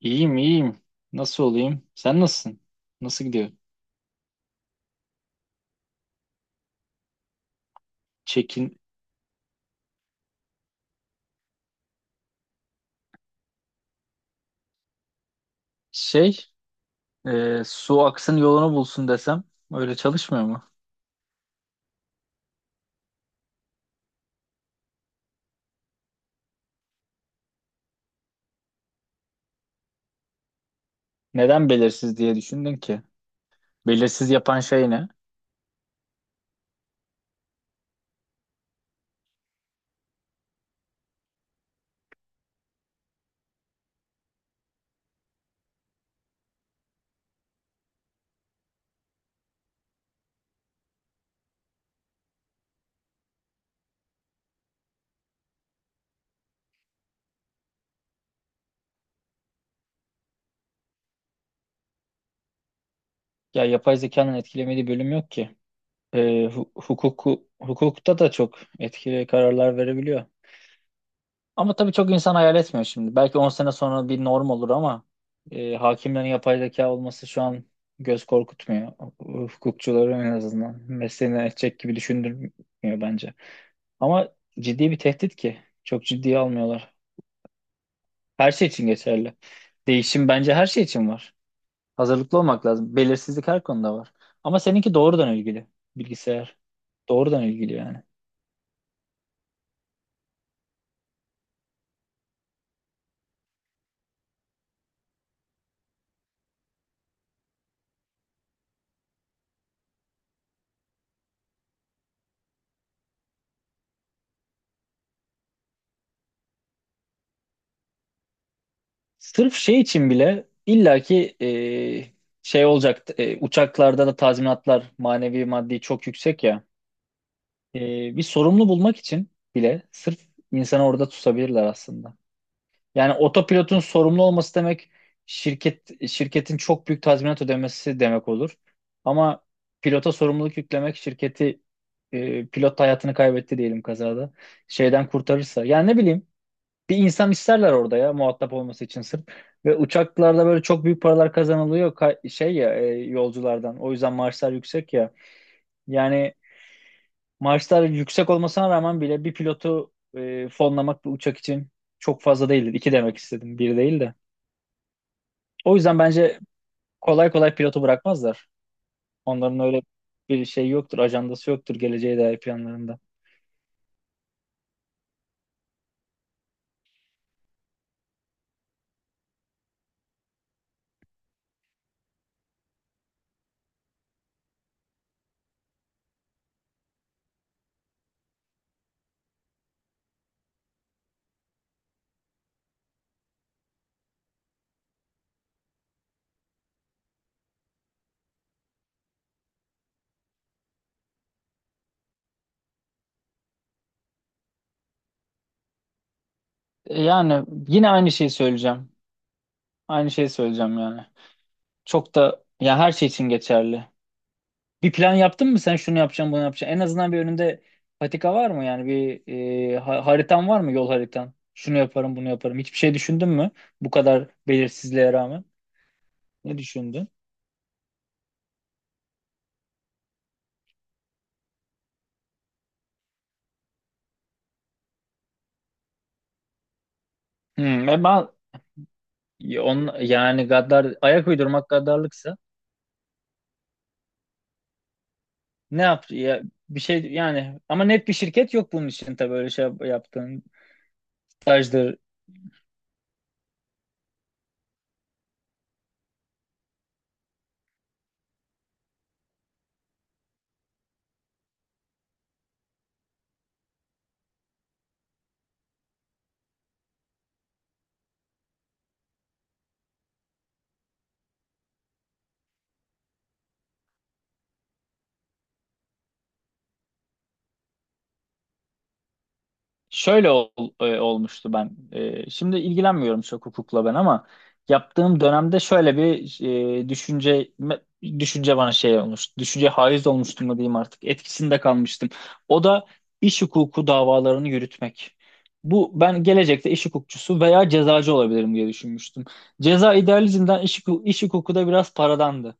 İyiyim iyiyim. Nasıl olayım? Sen nasılsın? Nasıl gidiyor? Çekin şey Su aksın yolunu bulsun desem öyle çalışmıyor mu? Neden belirsiz diye düşündün ki? Belirsiz yapan şey ne? Ya yapay zekanın etkilemediği bölüm yok ki. E, Hukukta da çok etkili kararlar verebiliyor. Ama tabii çok insan hayal etmiyor şimdi. Belki 10 sene sonra bir norm olur ama hakimlerin yapay zeka olması şu an göz korkutmuyor. Hukukçuları en azından mesleğini edecek gibi düşündürmüyor bence. Ama ciddi bir tehdit ki. Çok ciddiye almıyorlar. Her şey için geçerli. Değişim bence her şey için var. Hazırlıklı olmak lazım. Belirsizlik her konuda var. Ama seninki doğrudan ilgili. Bilgisayar. Doğrudan ilgili yani. Sırf şey için bile illaki şey olacak uçaklarda da tazminatlar manevi maddi çok yüksek ya. E, Bir sorumlu bulmak için bile sırf insanı orada tutabilirler aslında. Yani otopilotun sorumlu olması demek şirketin çok büyük tazminat ödemesi demek olur. Ama pilota sorumluluk yüklemek şirketi pilot hayatını kaybetti diyelim kazada şeyden kurtarırsa. Yani ne bileyim bir insan isterler orada ya muhatap olması için sırf. Ve uçaklarda böyle çok büyük paralar kazanılıyor yolculardan. O yüzden maaşlar yüksek ya. Yani maaşlar yüksek olmasına rağmen bile bir pilotu fonlamak bir uçak için çok fazla değildir. İki demek istedim, bir değil de. O yüzden bence kolay kolay pilotu bırakmazlar. Onların öyle bir şey yoktur, ajandası yoktur geleceğe dair planlarında. Yani yine aynı şeyi söyleyeceğim. Aynı şeyi söyleyeceğim yani. Çok da ya her şey için geçerli. Bir plan yaptın mı sen şunu yapacağım bunu yapacağım. En azından bir önünde patika var mı yani bir haritan var mı yol haritan? Şunu yaparım bunu yaparım. Hiçbir şey düşündün mü? Bu kadar belirsizliğe rağmen. Ne düşündün? Hmm, e ben yani gaddar ayak uydurmak gaddarlıksa ne yap ya bir şey yani ama net bir şirket yok bunun için tabii öyle şey yaptığın stajdır. Şöyle olmuştu ben. Şimdi ilgilenmiyorum çok hukukla ben ama yaptığım dönemde şöyle bir e, düşünce düşünce bana şey olmuş. Düşünce haiz olmuştu mu diyeyim artık. Etkisinde kalmıştım. O da iş hukuku davalarını yürütmek. Bu ben gelecekte iş hukukçusu veya cezacı olabilirim diye düşünmüştüm. Ceza idealizmden iş hukuku da biraz paradandı.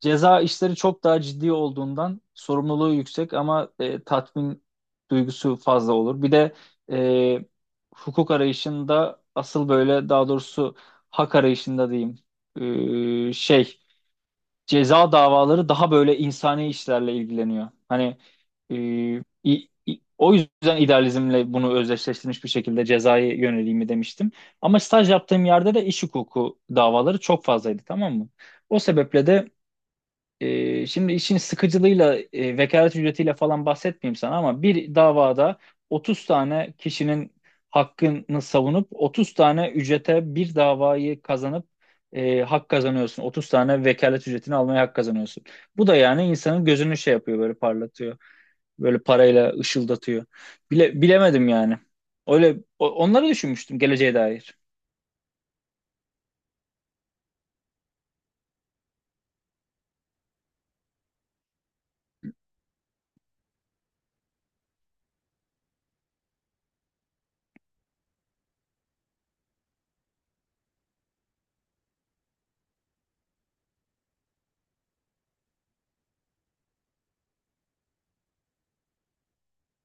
Ceza işleri çok daha ciddi olduğundan sorumluluğu yüksek ama tatmin duygusu fazla olur. Bir de e, hukuk arayışında asıl böyle daha doğrusu hak arayışında diyeyim e, şey ceza davaları daha böyle insani işlerle ilgileniyor. Hani e, o yüzden idealizmle bunu özdeşleştirmiş bir şekilde cezaya yöneleyim demiştim. Ama staj yaptığım yerde de iş hukuku davaları çok fazlaydı tamam mı? O sebeple de şimdi işin sıkıcılığıyla, vekalet ücretiyle falan bahsetmeyeyim sana ama bir davada 30 tane kişinin hakkını savunup 30 tane ücrete bir davayı kazanıp hak kazanıyorsun. 30 tane vekalet ücretini almaya hak kazanıyorsun. Bu da yani insanın gözünü şey yapıyor böyle parlatıyor. Böyle parayla ışıldatıyor. Bilemedim yani. Öyle onları düşünmüştüm geleceğe dair.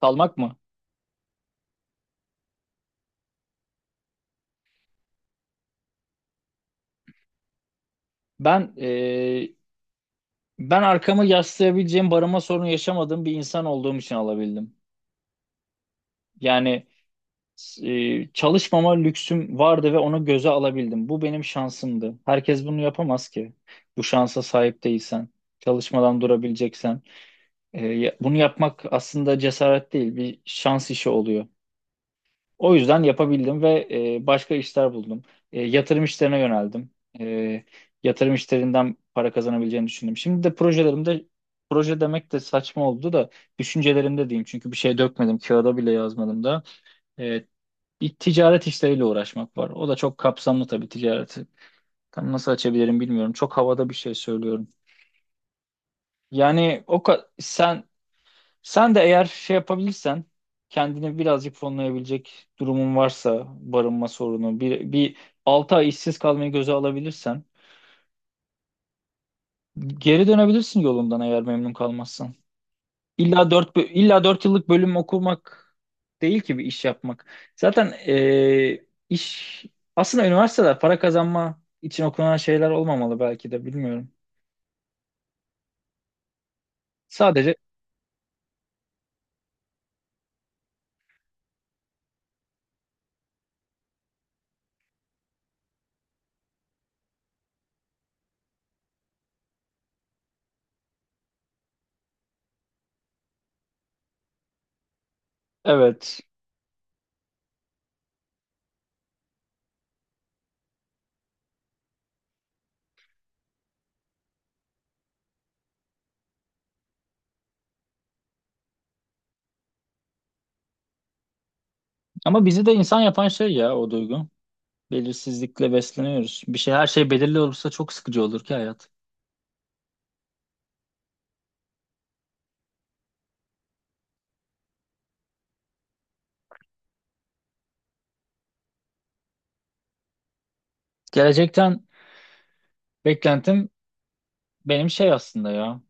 Salmak mı? Ben Ben arkamı yaslayabileceğim barınma sorunu yaşamadığım bir insan olduğum için alabildim. Yani çalışmama lüksüm vardı ve onu göze alabildim. Bu benim şansımdı. Herkes bunu yapamaz ki. Bu şansa sahip değilsen, çalışmadan durabileceksen. Bunu yapmak aslında cesaret değil, bir şans işi oluyor. O yüzden yapabildim ve başka işler buldum. Yatırım işlerine yöneldim. E, Yatırım işlerinden para kazanabileceğimi düşündüm. Şimdi de projelerimde proje demek de saçma oldu da düşüncelerimde diyeyim. Çünkü bir şey dökmedim, kağıda bile yazmadım da. E, Bir ticaret işleriyle uğraşmak var. O da çok kapsamlı tabii ticareti. Tam nasıl açabilirim bilmiyorum. Çok havada bir şey söylüyorum. Yani sen de eğer şey yapabilirsen kendini birazcık fonlayabilecek durumun varsa barınma sorunu bir 6 ay işsiz kalmayı göze alabilirsen geri dönebilirsin yolundan eğer memnun kalmazsan. İlla 4 yıllık bölüm okumak değil ki bir iş yapmak. Zaten iş aslında üniversiteler para kazanma için okunan şeyler olmamalı belki de bilmiyorum. Sadece evet, ama bizi de insan yapan şey ya o duygu. Belirsizlikle besleniyoruz. Bir şey Her şey belirli olursa çok sıkıcı olur ki hayat. Gelecekten beklentim benim şey aslında ya.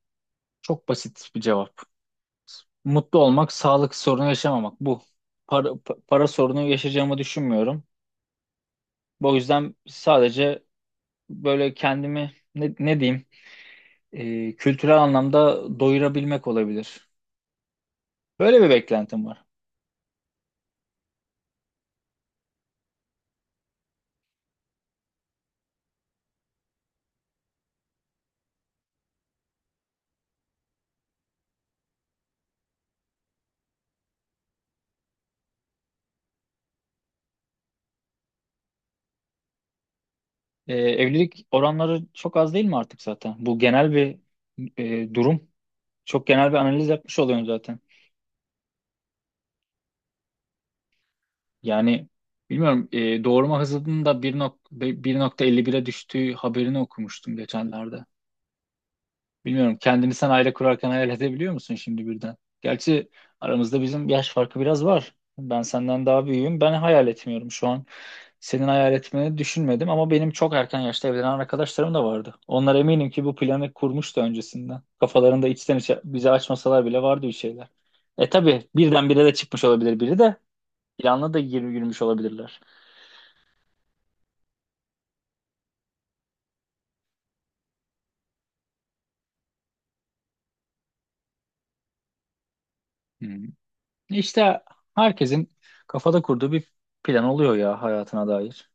Çok basit bir cevap. Mutlu olmak, sağlık sorunu yaşamamak bu. Para sorunu yaşayacağımı düşünmüyorum. Bu yüzden sadece böyle kendimi ne, ne diyeyim kültürel anlamda doyurabilmek olabilir. Böyle bir beklentim var. Evlilik oranları çok az değil mi artık zaten? Bu genel bir durum. Çok genel bir analiz yapmış oluyorum zaten. Yani bilmiyorum doğurma hızının da 1,51'e düştüğü haberini okumuştum geçenlerde. Bilmiyorum kendini sen aile kurarken hayal edebiliyor musun şimdi birden? Gerçi aramızda bizim yaş farkı biraz var. Ben senden daha büyüğüm. Ben hayal etmiyorum şu an. Senin hayal etmeni düşünmedim ama benim çok erken yaşta evlenen arkadaşlarım da vardı. Onlar eminim ki bu planı kurmuştu öncesinden. Kafalarında içten içe bize açmasalar bile vardı bir şeyler. Tabii birdenbire de çıkmış olabilir biri de planla da yürümüş olabilirler. Hmm. İşte herkesin kafada kurduğu bir plan oluyor ya hayatına dair.